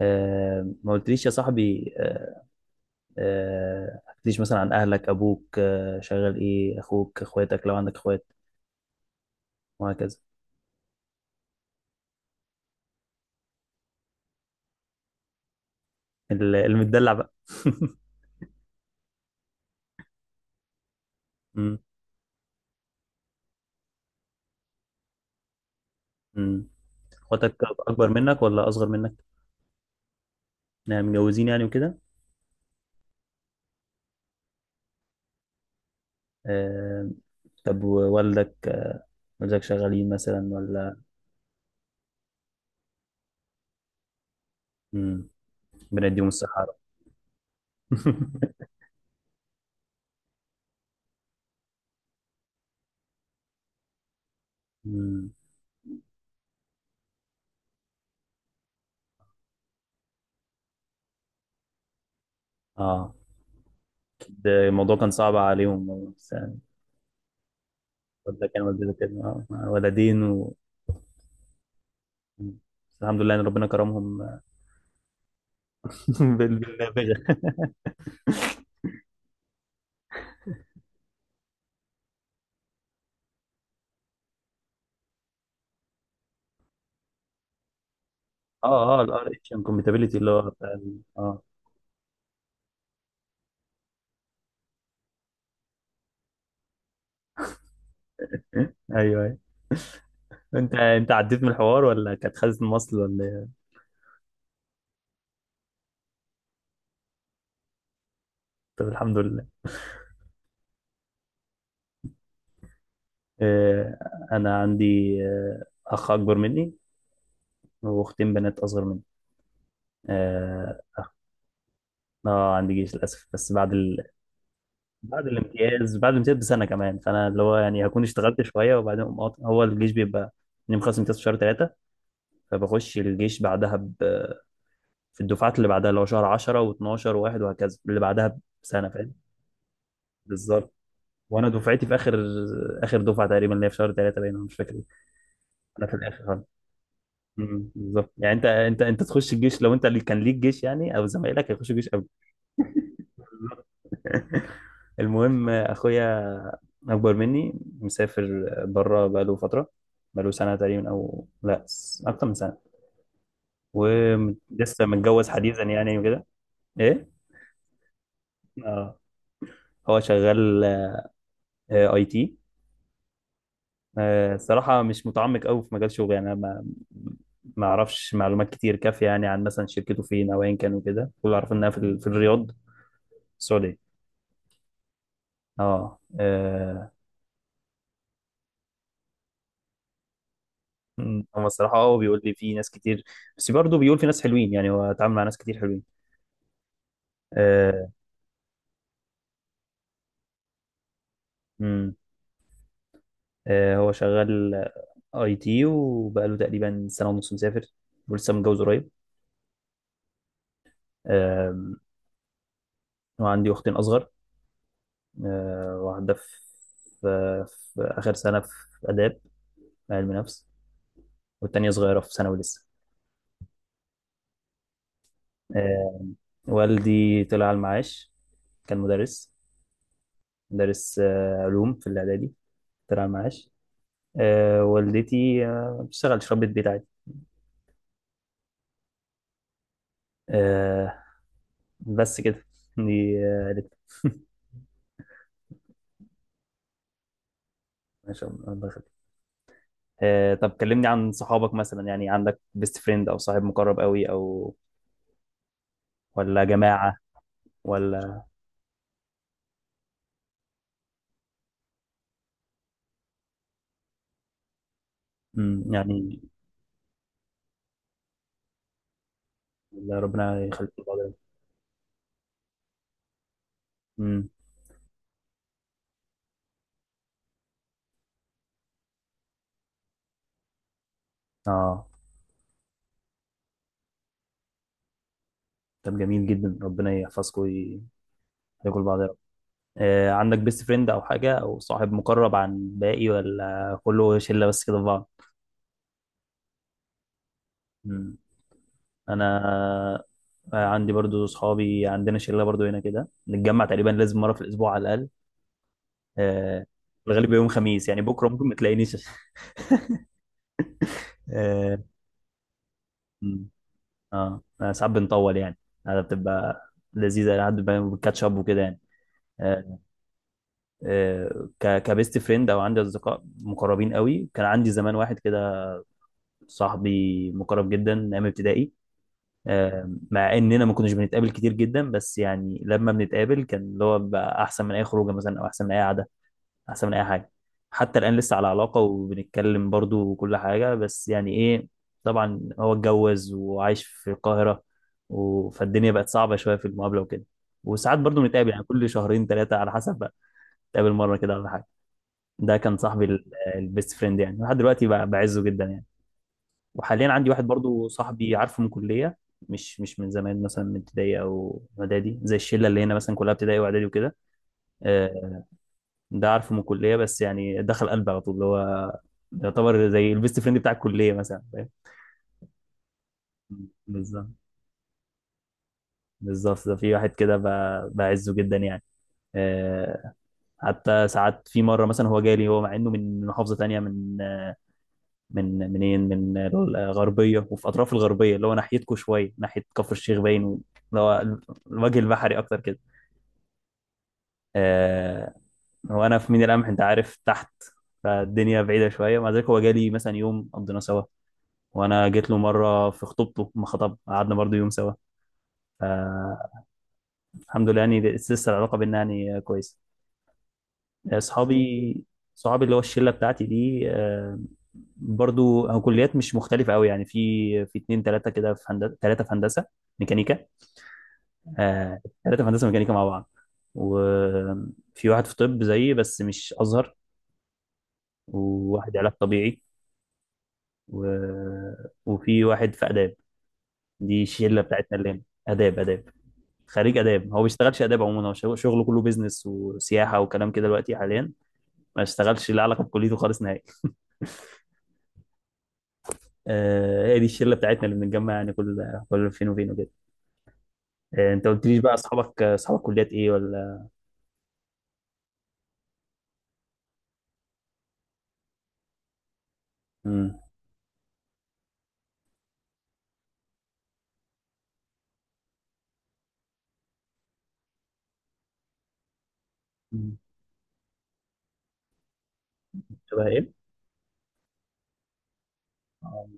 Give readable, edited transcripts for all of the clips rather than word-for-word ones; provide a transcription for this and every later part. ما قلتليش يا صاحبي، ما حكيتليش مثلا عن اهلك، ابوك شغال ايه؟ اخوك، اخواتك لو عندك اخوات وهكذا. المتدلع بقى. مم. مم. اخواتك اكبر منك ولا اصغر منك؟ يعني متجوزين يعني وكده؟ آه، طب، والدك شغالين مثلا ولا؟ مم. ربنا يديهم الصحة يا رب. مم. اه، أكيد الموضوع كان صعب عليهم بس يعني. والدك كان، والدتك كده؟ ولدين و... بس الحمد لله ان ربنا كرمهم. بالنافذه. اه، اه، الار اتش انكمباتيبلتي اللي هو بتاع ايوه ايوه. انت عديت من الحوار ولا كانت خزنة مصل ولا إيه؟ طب الحمد لله. آه، انا عندي اخ اكبر مني، واختين بنات اصغر مني. اه، عندي جيش للاسف بس بعد ال... بعد الامتياز، بسنه كمان، فانا اللي هو يعني هكون اشتغلت شويه وبعدين أقوم قاطع. هو الجيش بيبقى اني مخلص امتياز في شهر ثلاثه، فبخش الجيش بعدها في الدفعات اللي بعدها، اللي هو شهر 10 و12 و1 وهكذا، اللي بعدها بسنه، فاهم. بالظبط. وانا دفعتي في اخر، اخر دفعه تقريبا اللي هي في شهر 3، باين، أنا مش فاكر إيه. انا في الاخر خالص. أمم، بالظبط، يعني انت، انت تخش الجيش لو انت اللي كان ليك جيش، يعني او زمايلك هيخشوا جيش قبل. المهم، اخويا اكبر مني، مسافر بره بقاله فتره، بقاله سنه تقريبا، او لا اكتر من سنه، ولسه متجوز حديثا يعني وكده. ايه، اه. هو شغال اي تي. الصراحة مش متعمق قوي في مجال شغلي يعني. أنا ما أعرفش معلومات كتير كافية يعني، عن مثلا شركته فين أو أيا كان وكده. كل اللي أعرفه إنها في, في الرياض، السعودية. أه، آه، م، هو الصراحة أه بيقول لي في ناس كتير، بس برضه بيقول في ناس حلوين يعني، هو اتعامل مع ناس كتير حلوين. أه، م، هو شغال أي تي وبقاله تقريبا سنة ونص مسافر، ولسه متجوز قريب. آم، وعندي أختين أصغر. واحدة في، في في آخر سنة في آداب، علم نفس. والتانية صغيرة في ثانوي لسه. آه، والدي طلع على المعاش، كان مدرس، آه، علوم في الإعدادي، طلع على المعاش. والدتي بتشتغل في، ربة بيت عادي. آه، بس كده، دي عيلتنا. ما شاء الله، الله يخليك. طب كلمني عن صحابك مثلا. يعني عندك بيست فريند أو صاحب مقرب قوي، أو ولا جماعة ولا؟ مم، يعني، ولا ربنا يخليكم لبعض. مم، اه. طب جميل جدا، ربنا يحفظكم ويخليكم لبعض. عندك بيست فريند او حاجه او صاحب مقرب عن باقي، ولا كله شله بس كده في بعض؟ مم. انا عندي برضو صحابي، عندنا شله برضو هنا كده، نتجمع تقريبا لازم مره في الاسبوع على الاقل. آه، الغالب يوم خميس، يعني بكره ممكن ما تلاقينيش. اه. مم. ساعات بنطول يعني، هذا بتبقى لذيذه لحد ما اب وكده يعني. آه، كبيست فريند او عندي اصدقاء مقربين قوي، كان عندي زمان واحد كده، صاحبي مقرب جدا من ايام ابتدائي. مع اننا ما كناش بنتقابل كتير جدا، بس يعني لما بنتقابل كان اللي هو بقى احسن من اي خروجه مثلا، او احسن من اي قعده، احسن من اي حاجه. حتى الان لسه على علاقه وبنتكلم برضو وكل حاجه، بس يعني ايه، طبعا هو اتجوز وعايش في القاهره فالدنيا بقت صعبه شويه في المقابله وكده. وساعات برضو بنتقابل يعني كل شهرين ثلاثه على حسب بقى، نتقابل مره كده ولا حاجه. ده كان صاحبي البيست فريند يعني، لحد دلوقتي بقى بعزه جدا يعني. وحاليا عندي واحد برضو صاحبي، عارفه من كلية، مش من زمان مثلا من ابتدائي او اعدادي زي الشله اللي هنا مثلا كلها ابتدائي واعدادي وكده. آه، ده عارفه من الكليه، بس يعني دخل قلبي على طول، اللي هو يعتبر زي البيست فريند بتاع الكليه مثلا، فاهم. بالظبط، ده في واحد كده بعزه جدا يعني. آه، حتى ساعات، في مره مثلا هو جالي، هو مع انه من محافظه تانية، من من منين من الغربيه، وفي اطراف الغربيه اللي هو ناحيتكم شويه ناحيه كفر الشيخ باين، اللي هو الوجه البحري اكتر كده. آه. وانا في ميناء القمح، انت عارف، تحت، فالدنيا بعيده شويه. مع ذلك هو جالي مثلا يوم قضينا سوا، وانا جيت له مره في خطوبته ما خطب، قعدنا برضه يوم سوا. آه. الحمد لله يعني لسه العلاقه بينا يعني كويسه. اصحابي صحابي اللي هو الشله بتاعتي دي برضو هو كليات مش مختلفه قوي يعني. في اتنين تلاته كده في هندسه، تلاته في هندسه ميكانيكا. تلاته في هندسه ميكانيكا مع بعض، وفي واحد في طب زيي بس مش ازهر، وواحد علاج طبيعي، و... وفي واحد في اداب. دي الشله بتاعتنا اللي هنا. اداب خريج اداب، هو ما بيشتغلش اداب عموما، هو شغله كله بيزنس وسياحه وكلام كده دلوقتي حاليا. ما اشتغلش له علاقه بكليته خالص نهائي. هي دي الشله بتاعتنا اللي بنتجمع يعني، كل فين وفين وكده. انت قلت ليش بقى اصحابك، كليات ايه ولا؟ امم. شبه ايه؟ آه،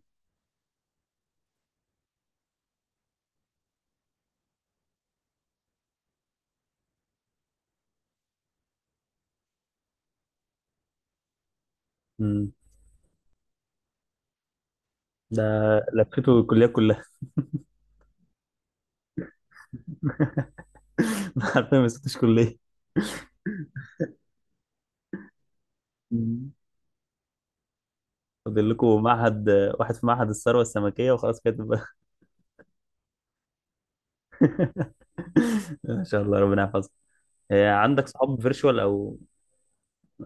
امم، ده لفيته الكليات كلها. ما حرفيا ما سبتش كليه. مم. فاضل لكم معهد واحد في معهد الثروه السمكيه وخلاص كده تبقى. ان شاء الله ربنا يحفظك. عندك صحاب فيرتشوال او،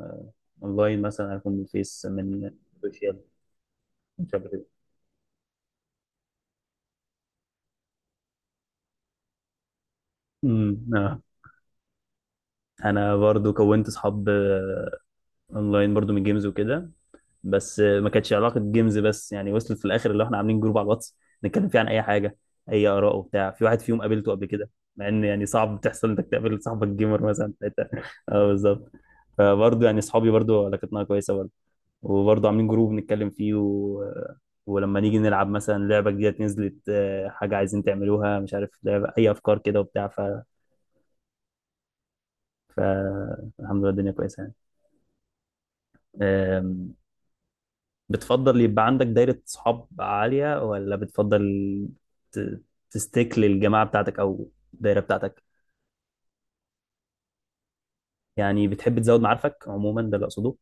آه، اونلاين مثلا، عارف من الفيس، من السوشيال، من شبه كده؟ امم، آه. انا برضو كونت صحاب اونلاين برضو من جيمز وكده، بس ما كانتش علاقه جيمز بس يعني، وصلت في الاخر اللي احنا عاملين جروب على الواتس، نتكلم فيه عن اي حاجه، اي اراء وبتاع. في واحد فيهم قابلته قبل كده، مع ان يعني صعب تحصل انك تقابل صاحبك جيمر مثلا في حتة. اه بالظبط. فبرضه يعني اصحابي برضه علاقتنا كويسه برضه، وبرضه عاملين جروب نتكلم فيه و... ولما نيجي نلعب مثلا لعبه جديده نزلت، حاجه عايزين تعملوها، مش عارف لعبه، اي افكار كده وبتاع ف... ف الحمد لله الدنيا كويسه يعني. آم، بتفضل يبقى عندك دايرة صحاب عالية، ولا بتفضل ت- تستيك للجماعة بتاعتك أو الدايرة بتاعتك؟ يعني بتحب تزود معارفك عموما ده اللي أقصده،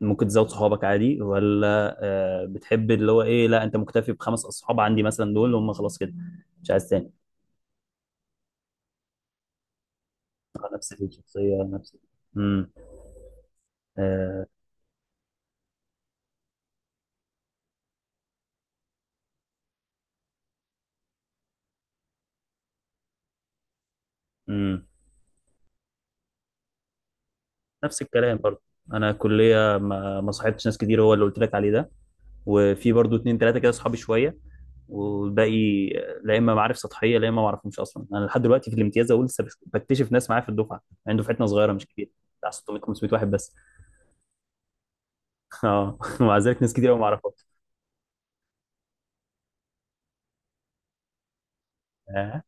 ممكن تزود صحابك عادي، ولا بتحب اللي هو إيه، لا أنت مكتفي بخمس أصحاب عندي مثلا دول هم خلاص كده، مش عايز تاني؟ نفس الشخصية، امم، آه، امم، نفس الكلام برضه. أنا كلية ما صاحبتش ناس كتير، هو اللي قلت لك عليه ده، وفي برضو اتنين تلاتة كده صحابي شوية، والباقي، لا اما معارف سطحيه، لا اما ما اعرفهمش اصلا. انا لحد دلوقتي في الامتياز اقول لسه بكتشف ناس معايا في الدفعه، يعني دفعتنا صغيره مش كبيره، بتاع 600 500 واحد بس. اه، ومع ذلك ناس كتير قوي ما اعرفهاش. اه.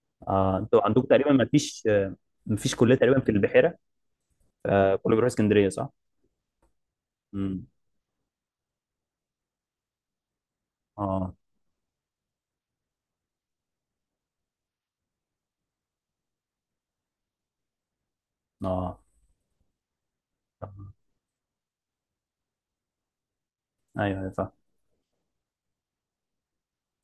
انتوا عندكم تقريبا ما فيش، ما فيش كليه تقريبا في البحيره. كله بيروح اسكندريه صح؟ امم، اه، اه، آه. ايوه ايوه.